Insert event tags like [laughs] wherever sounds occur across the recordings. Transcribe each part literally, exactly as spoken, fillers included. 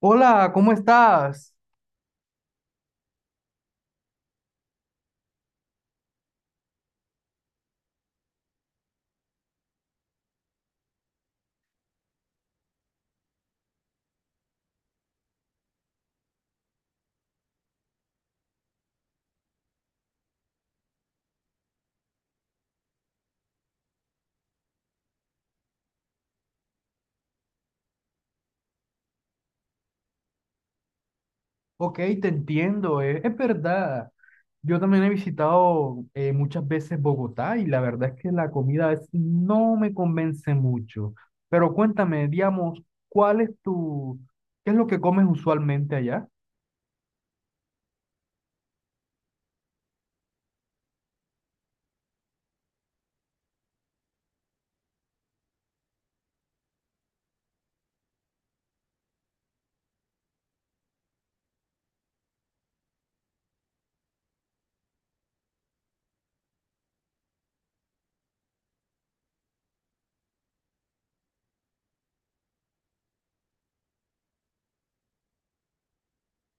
Hola, ¿cómo estás? Ok, te entiendo, eh, es verdad. Yo también he visitado eh, muchas veces Bogotá y la verdad es que la comida es- no me convence mucho. Pero cuéntame, digamos, ¿cuál es tu, ¿qué es lo que comes usualmente allá?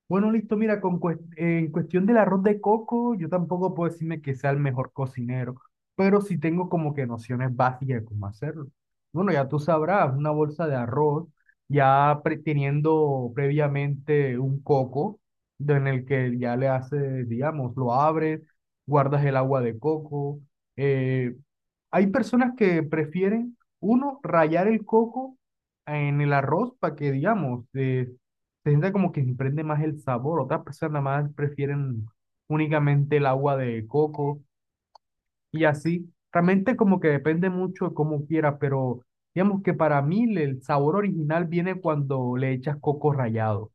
Bueno, listo, mira, con cues- eh, en cuestión del arroz de coco, yo tampoco puedo decirme que sea el mejor cocinero, pero sí tengo como que nociones básicas de cómo hacerlo. Bueno, ya tú sabrás, una bolsa de arroz, ya pre- teniendo previamente un coco, de- en el que ya le haces, digamos, lo abres, guardas el agua de coco, eh, hay personas que prefieren, uno, rayar el coco en el arroz para que, digamos, eh, se sienta como que se prende más el sabor. Otras personas más prefieren únicamente el agua de coco y así. Realmente como que depende mucho de cómo quieras, pero digamos que para mí le- el sabor original viene cuando le echas coco rallado.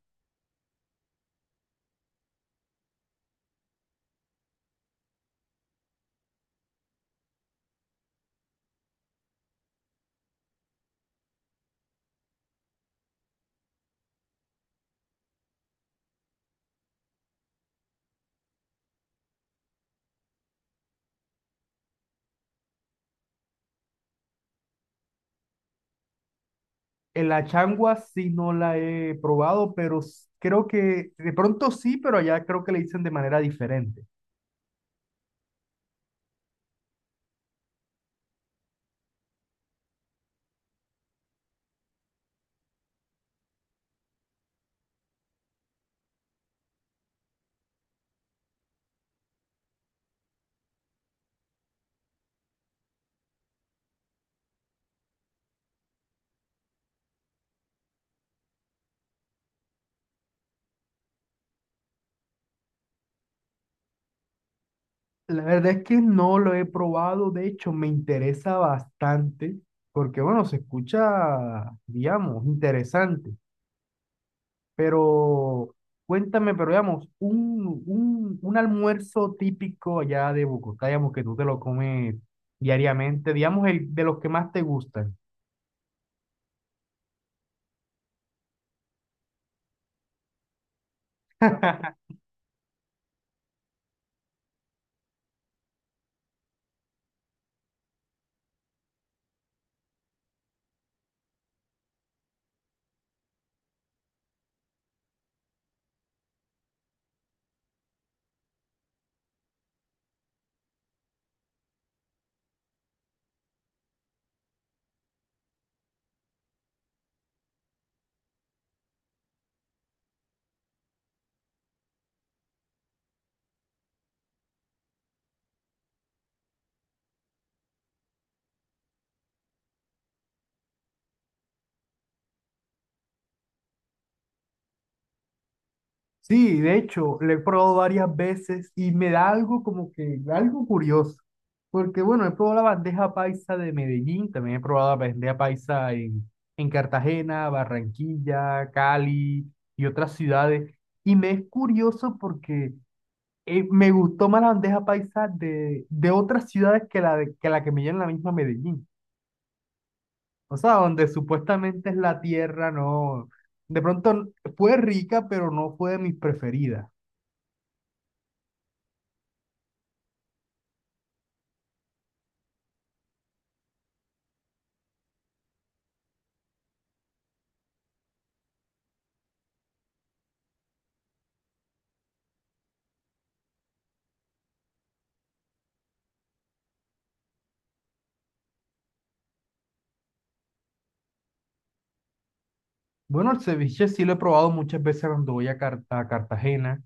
En la changua sí no la he probado, pero s- creo que de pronto sí, pero allá creo que le dicen de manera diferente. La verdad es que no lo he probado, de hecho me interesa bastante, porque bueno, se escucha, digamos, interesante, pero cuéntame, pero digamos, un, un, un almuerzo típico allá de Bogotá, digamos, que tú te lo comes diariamente, digamos, el de los que más te gustan. [laughs] Sí, de hecho, lo he probado varias veces y me da algo como que, algo curioso. Porque bueno, he probado la bandeja paisa de Medellín, también he probado la bandeja paisa en, en Cartagena, Barranquilla, Cali y otras ciudades. Y me es curioso porque eh, me gustó más la bandeja paisa de, de otras ciudades que la, de- que la que me dio en la misma Medellín. O sea, donde supuestamente es la tierra, no. De pronto fue rica, pero no fue de mis preferidas. Bueno, el ceviche sí lo he probado muchas veces cuando voy a, Car- a Cartagena,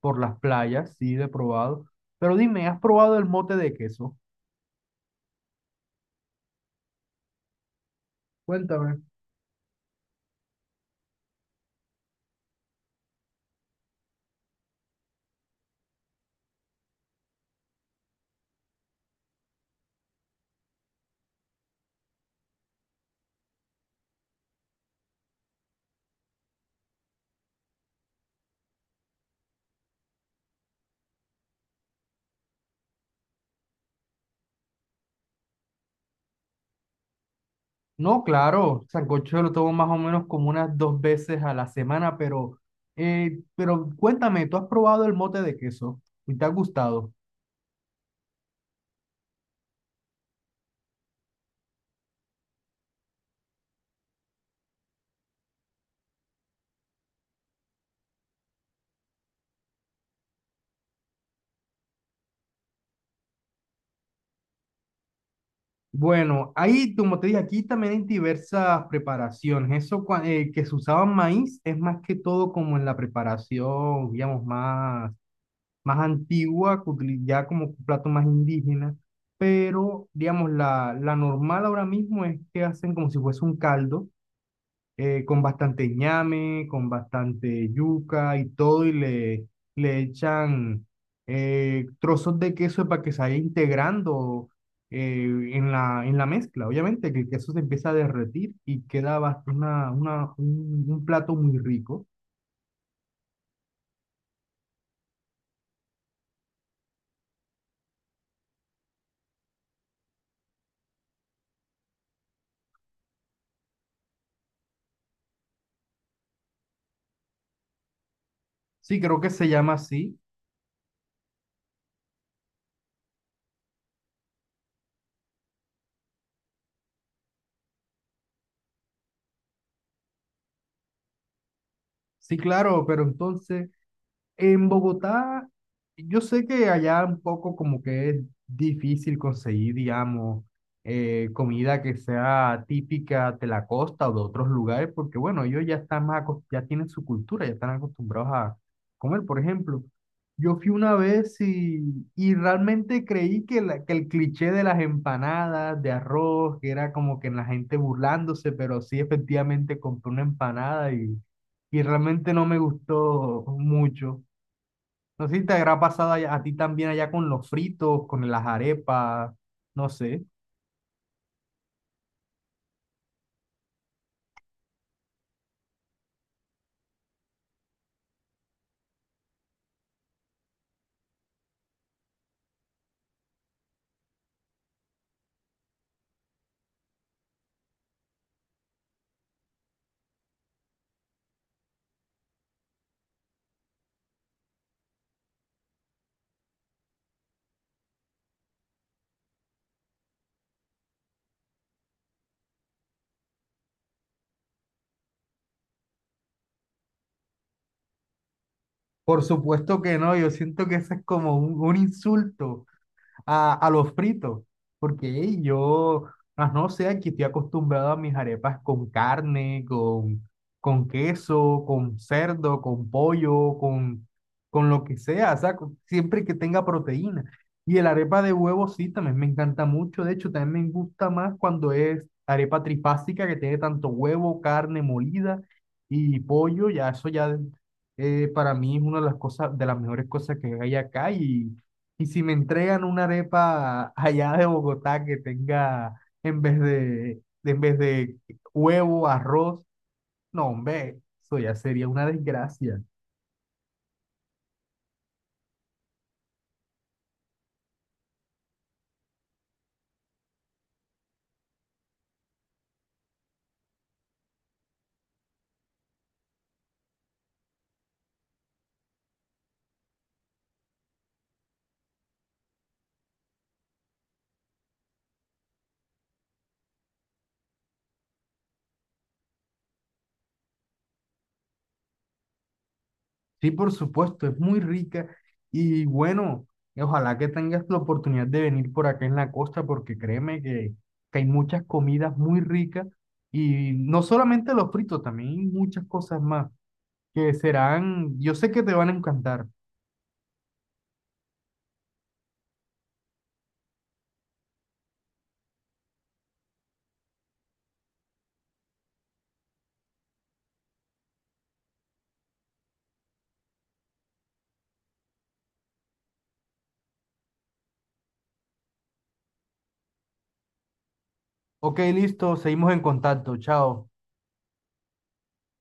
por las playas, sí lo he probado. Pero dime, ¿has probado el mote de queso? Cuéntame. No, claro, sancocho lo tomo más o menos como unas dos veces a la semana, pero, eh, pero cuéntame, ¿tú has probado el mote de queso y te ha gustado? Bueno, ahí, como te dije, aquí también hay diversas preparaciones. Eso cua- eh, que se usaba maíz es más que todo como en la preparación, digamos, más más antigua, que utilizaba como plato más indígena, pero digamos, la, la normal ahora mismo es que hacen como si fuese un caldo, eh, con bastante ñame, con bastante yuca y todo, y le, le echan eh, trozos de queso para que se vaya integrando eh, en la, en la mezcla. Obviamente que el queso se empieza a derretir y queda bast- una, una, un un plato muy rico. Sí, creo que se llama así. Sí, claro, pero entonces... En Bogotá, yo sé que allá un poco como que es difícil conseguir, digamos, eh, comida que sea típica de la costa o de otros lugares, porque bueno, ellos ya están más, acos- ya tienen su cultura, ya están acostumbrados a comer. Por ejemplo, yo fui una vez y, y realmente creí que, la- que el cliché de las empanadas de arroz, que era como que la gente burlándose, pero sí efectivamente compré una empanada y, y realmente no me gustó mucho. No sé si te habrá pasado allá- a ti también allá con los fritos, con las arepas, no sé. Por supuesto que no, yo siento que eso es como un, un insulto. A, a los fritos, porque ey, yo, ah, no sé, aquí estoy acostumbrado a mis arepas con carne, con, con queso, con cerdo, con pollo, con, con lo que sea, o sea, con- siempre que tenga proteína. Y el arepa de huevo sí, también me encanta mucho, de hecho, también me gusta más cuando es arepa trifásica que tiene tanto huevo, carne molida y pollo, ya eso ya... eh, Para mí es una de las cosas, de las mejores cosas que hay acá y, y si me entregan una arepa allá de Bogotá que tenga en vez de, de- en vez de huevo, arroz, no, hombre, eso ya sería una desgracia. Sí, por supuesto, es muy rica y bueno, ojalá que tengas la oportunidad de venir por acá en la costa porque créeme que, que hay muchas comidas muy ricas y no solamente los fritos, también hay muchas cosas más que serán, yo sé que te van a encantar. Ok, listo, seguimos en contacto, chao.